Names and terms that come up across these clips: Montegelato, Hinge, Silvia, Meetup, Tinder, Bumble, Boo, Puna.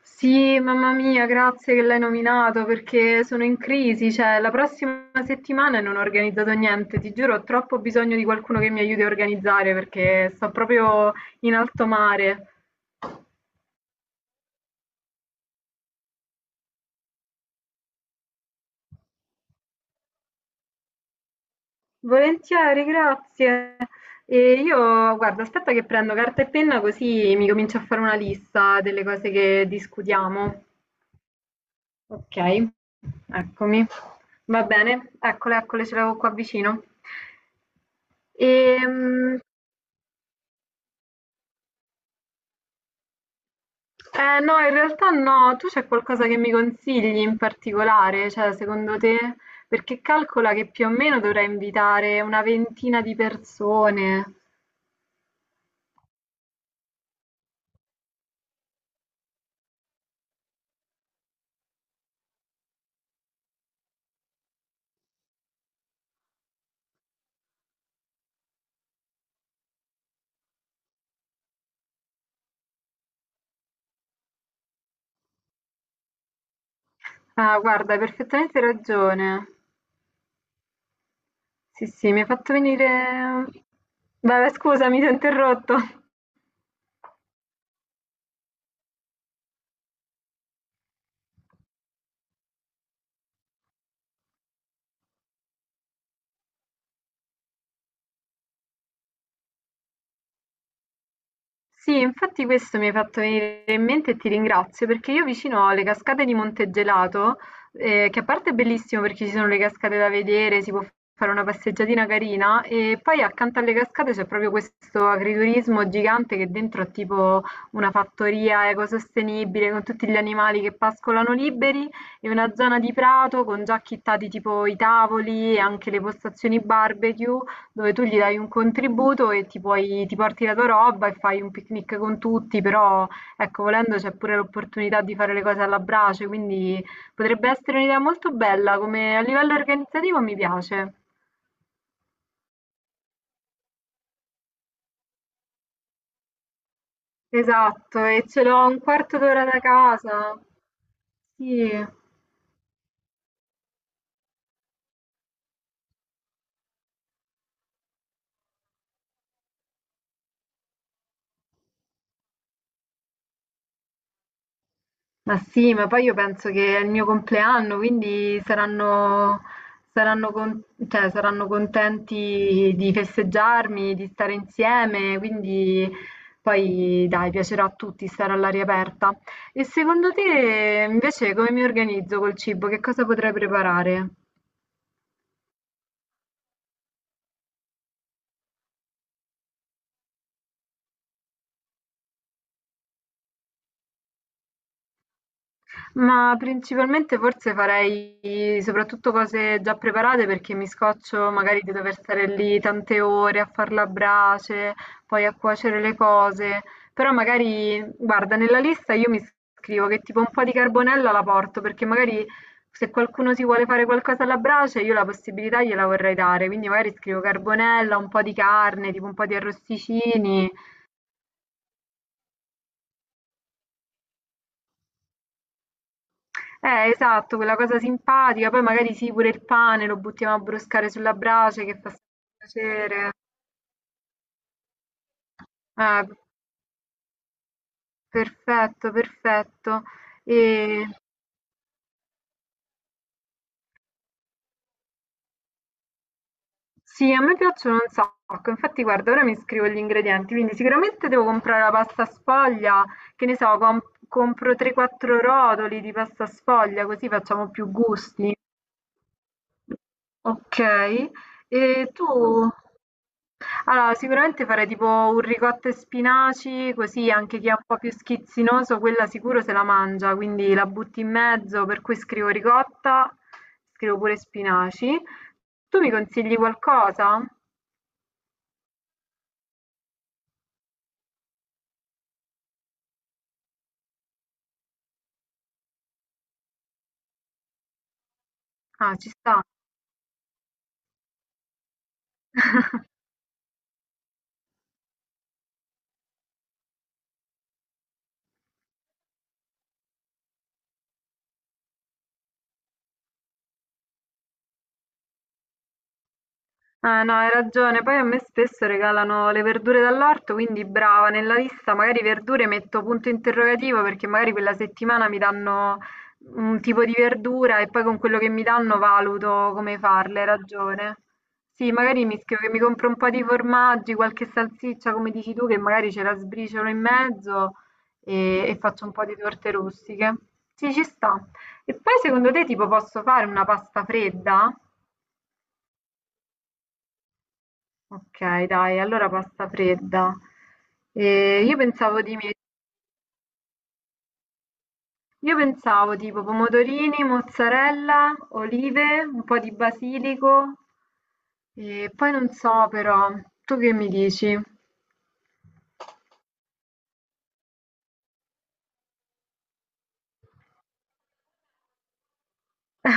Sì, mamma mia, grazie che l'hai nominato perché sono in crisi, cioè la prossima settimana non ho organizzato niente, ti giuro, ho troppo bisogno di qualcuno che mi aiuti a organizzare perché sto proprio in alto mare. Volentieri, grazie. E io, guarda, aspetta che prendo carta e penna così mi comincio a fare una lista delle cose che discutiamo. Ok, eccomi. Va bene, eccole, ce l'avevo qua vicino. E, Eh no, in realtà no, tu c'è qualcosa che mi consigli in particolare, cioè secondo te? Perché calcola che più o meno dovrei invitare una ventina di persone. Ah, guarda, hai perfettamente ragione. Sì, sì, mi hai fatto venire... Vabbè, scusami, ti ho interrotto. Sì, infatti questo mi hai fatto venire in mente e ti ringrazio perché io vicino alle cascate di Montegelato, che a parte è bellissimo perché ci sono le cascate da vedere, si può fare una passeggiatina carina e poi accanto alle cascate c'è proprio questo agriturismo gigante che dentro è tipo una fattoria ecosostenibile con tutti gli animali che pascolano liberi e una zona di prato con già chittati tipo i tavoli e anche le postazioni barbecue dove tu gli dai un contributo e ti puoi, ti porti la tua roba e fai un picnic con tutti, però ecco, volendo c'è pure l'opportunità di fare le cose alla brace, quindi potrebbe essere un'idea molto bella, come a livello organizzativo mi piace. Esatto, e ce l'ho a un quarto d'ora da casa. Sì. Ma sì, ma poi io penso che è il mio compleanno, quindi saranno con- cioè, saranno contenti di festeggiarmi, di stare insieme, quindi poi dai, piacerà a tutti stare all'aria aperta. E secondo te invece come mi organizzo col cibo? Che cosa potrei preparare? Ma principalmente forse farei soprattutto cose già preparate perché mi scoccio magari di dover stare lì tante ore a far la brace, poi a cuocere le cose. Però magari, guarda, nella lista io mi scrivo che tipo un po' di carbonella la porto perché magari se qualcuno si vuole fare qualcosa alla brace io la possibilità gliela vorrei dare. Quindi magari scrivo carbonella, un po' di carne, tipo un po' di arrosticini. Esatto, quella cosa simpatica, poi magari sì, pure il pane lo buttiamo a broscare sulla brace che fa sempre piacere. Eh, perfetto, perfetto. E sì, a me piacciono un sacco. Infatti, guarda, ora mi scrivo gli ingredienti, quindi sicuramente devo comprare la pasta sfoglia, che ne so, compro 3-4 rotoli di pasta sfoglia, così facciamo più gusti. Ok. E tu? Allora, sicuramente farei tipo un ricotta e spinaci, così anche chi è un po' più schizzinoso, quella sicuro se la mangia, quindi la butti in mezzo, per cui scrivo ricotta, scrivo pure spinaci. Tu mi consigli qualcosa? Ah, ci sta. Ah no, hai ragione. Poi a me spesso regalano le verdure dall'orto, quindi brava, nella lista magari verdure metto punto interrogativo perché magari quella settimana mi danno un tipo di verdura e poi con quello che mi danno valuto come farle, hai ragione. Sì, magari mi scrivo che mi compro un po' di formaggi, qualche salsiccia, come dici tu, che magari ce la sbriciolo in mezzo e, faccio un po' di torte rustiche. Sì, ci sta. E poi secondo te tipo posso fare una pasta fredda? Okay, dai, allora pasta fredda. E io pensavo di me- io pensavo tipo pomodorini, mozzarella, olive, un po' di basilico e poi non so però, tu che mi dici?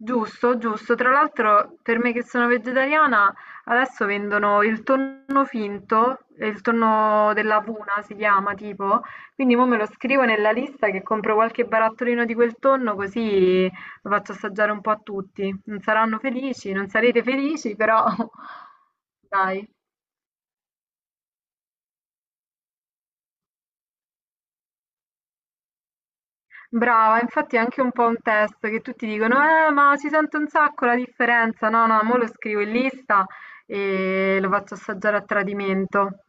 Giusto, giusto. Tra l'altro, per me che sono vegetariana, adesso vendono il tonno finto, il tonno della Puna si chiama tipo, quindi mo me lo scrivo nella lista che compro qualche barattolino di quel tonno così lo faccio assaggiare un po' a tutti. Non saranno felici, non sarete felici, però dai. Brava, infatti è anche un po' un test che tutti dicono, ma si sente un sacco la differenza. No, no, mo lo scrivo in lista e lo faccio assaggiare a tradimento.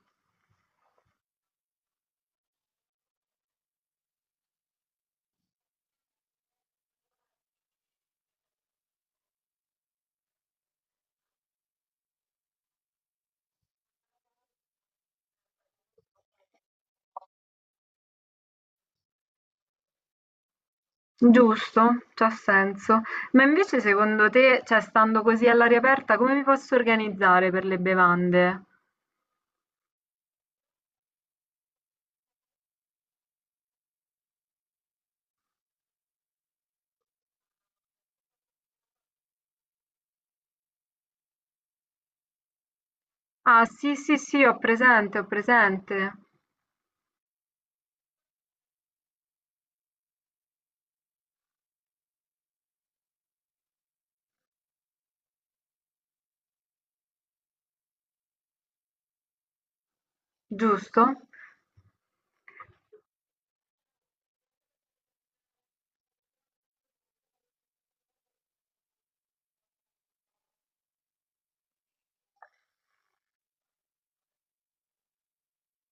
Giusto, c'ha senso. Ma invece secondo te, cioè stando così all'aria aperta, come mi posso organizzare per le bevande? Ah, sì, sì, sì, ho presente, ho presente. Giusto?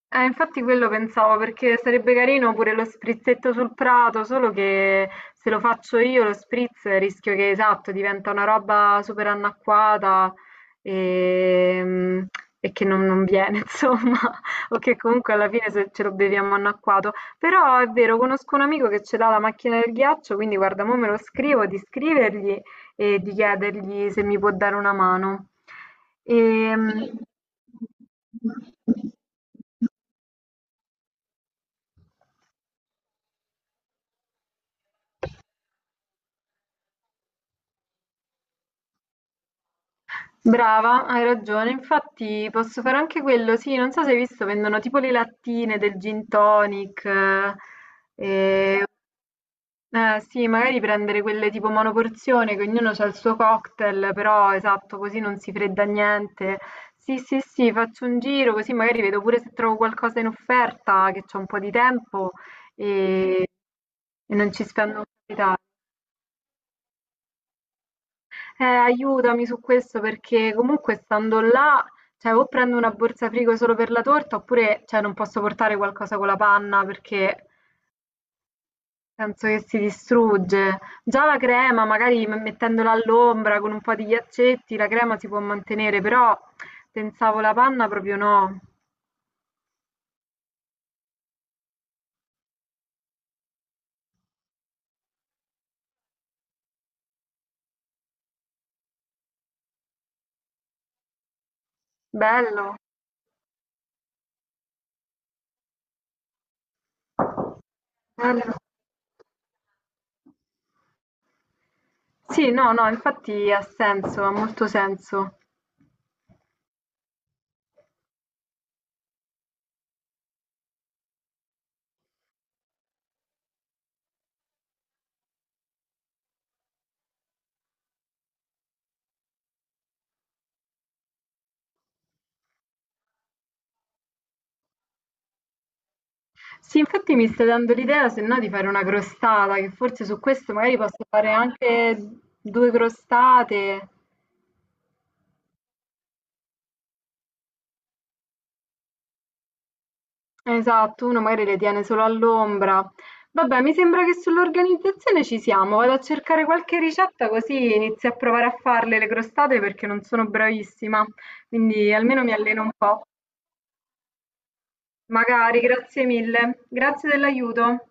Infatti quello pensavo perché sarebbe carino pure lo sprizzetto sul prato, solo che se lo faccio io lo spritz rischio che esatto diventa una roba super annacquata e, e che non, non viene insomma, o che comunque alla fine se ce lo beviamo annacquato. Però è vero, conosco un amico che ce l'ha la macchina del ghiaccio, quindi guarda, mo me lo scrivo di scrivergli e di chiedergli se mi può dare una mano. Ehm, Brava, hai ragione. Infatti posso fare anche quello. Sì, non so se hai visto, vendono tipo le lattine del gin tonic, e- sì, magari prendere quelle tipo monoporzione, che ognuno ha il suo cocktail, però esatto, così non si fredda niente. Sì, sì, sì, faccio un giro così magari vedo pure se trovo qualcosa in offerta, che c'ho un po' di tempo e, non ci spendo un capitale. Aiutami su questo perché comunque stando là, cioè o prendo una borsa frigo solo per la torta oppure cioè, non posso portare qualcosa con la panna perché penso che si distrugge. Già la crema, magari mettendola all'ombra con un po' di ghiaccetti, la crema si può mantenere, però pensavo la panna proprio no. Bello, bello. Sì, no, no, infatti ha senso, ha molto senso. Sì, infatti mi stai dando l'idea, se no, di fare una crostata, che forse su questo magari posso fare anche due crostate. Esatto, uno magari le tiene solo all'ombra. Vabbè, mi sembra che sull'organizzazione ci siamo. Vado a cercare qualche ricetta così inizio a provare a farle le crostate perché non sono bravissima. Quindi almeno mi alleno un po'. Magari, grazie mille. Grazie dell'aiuto.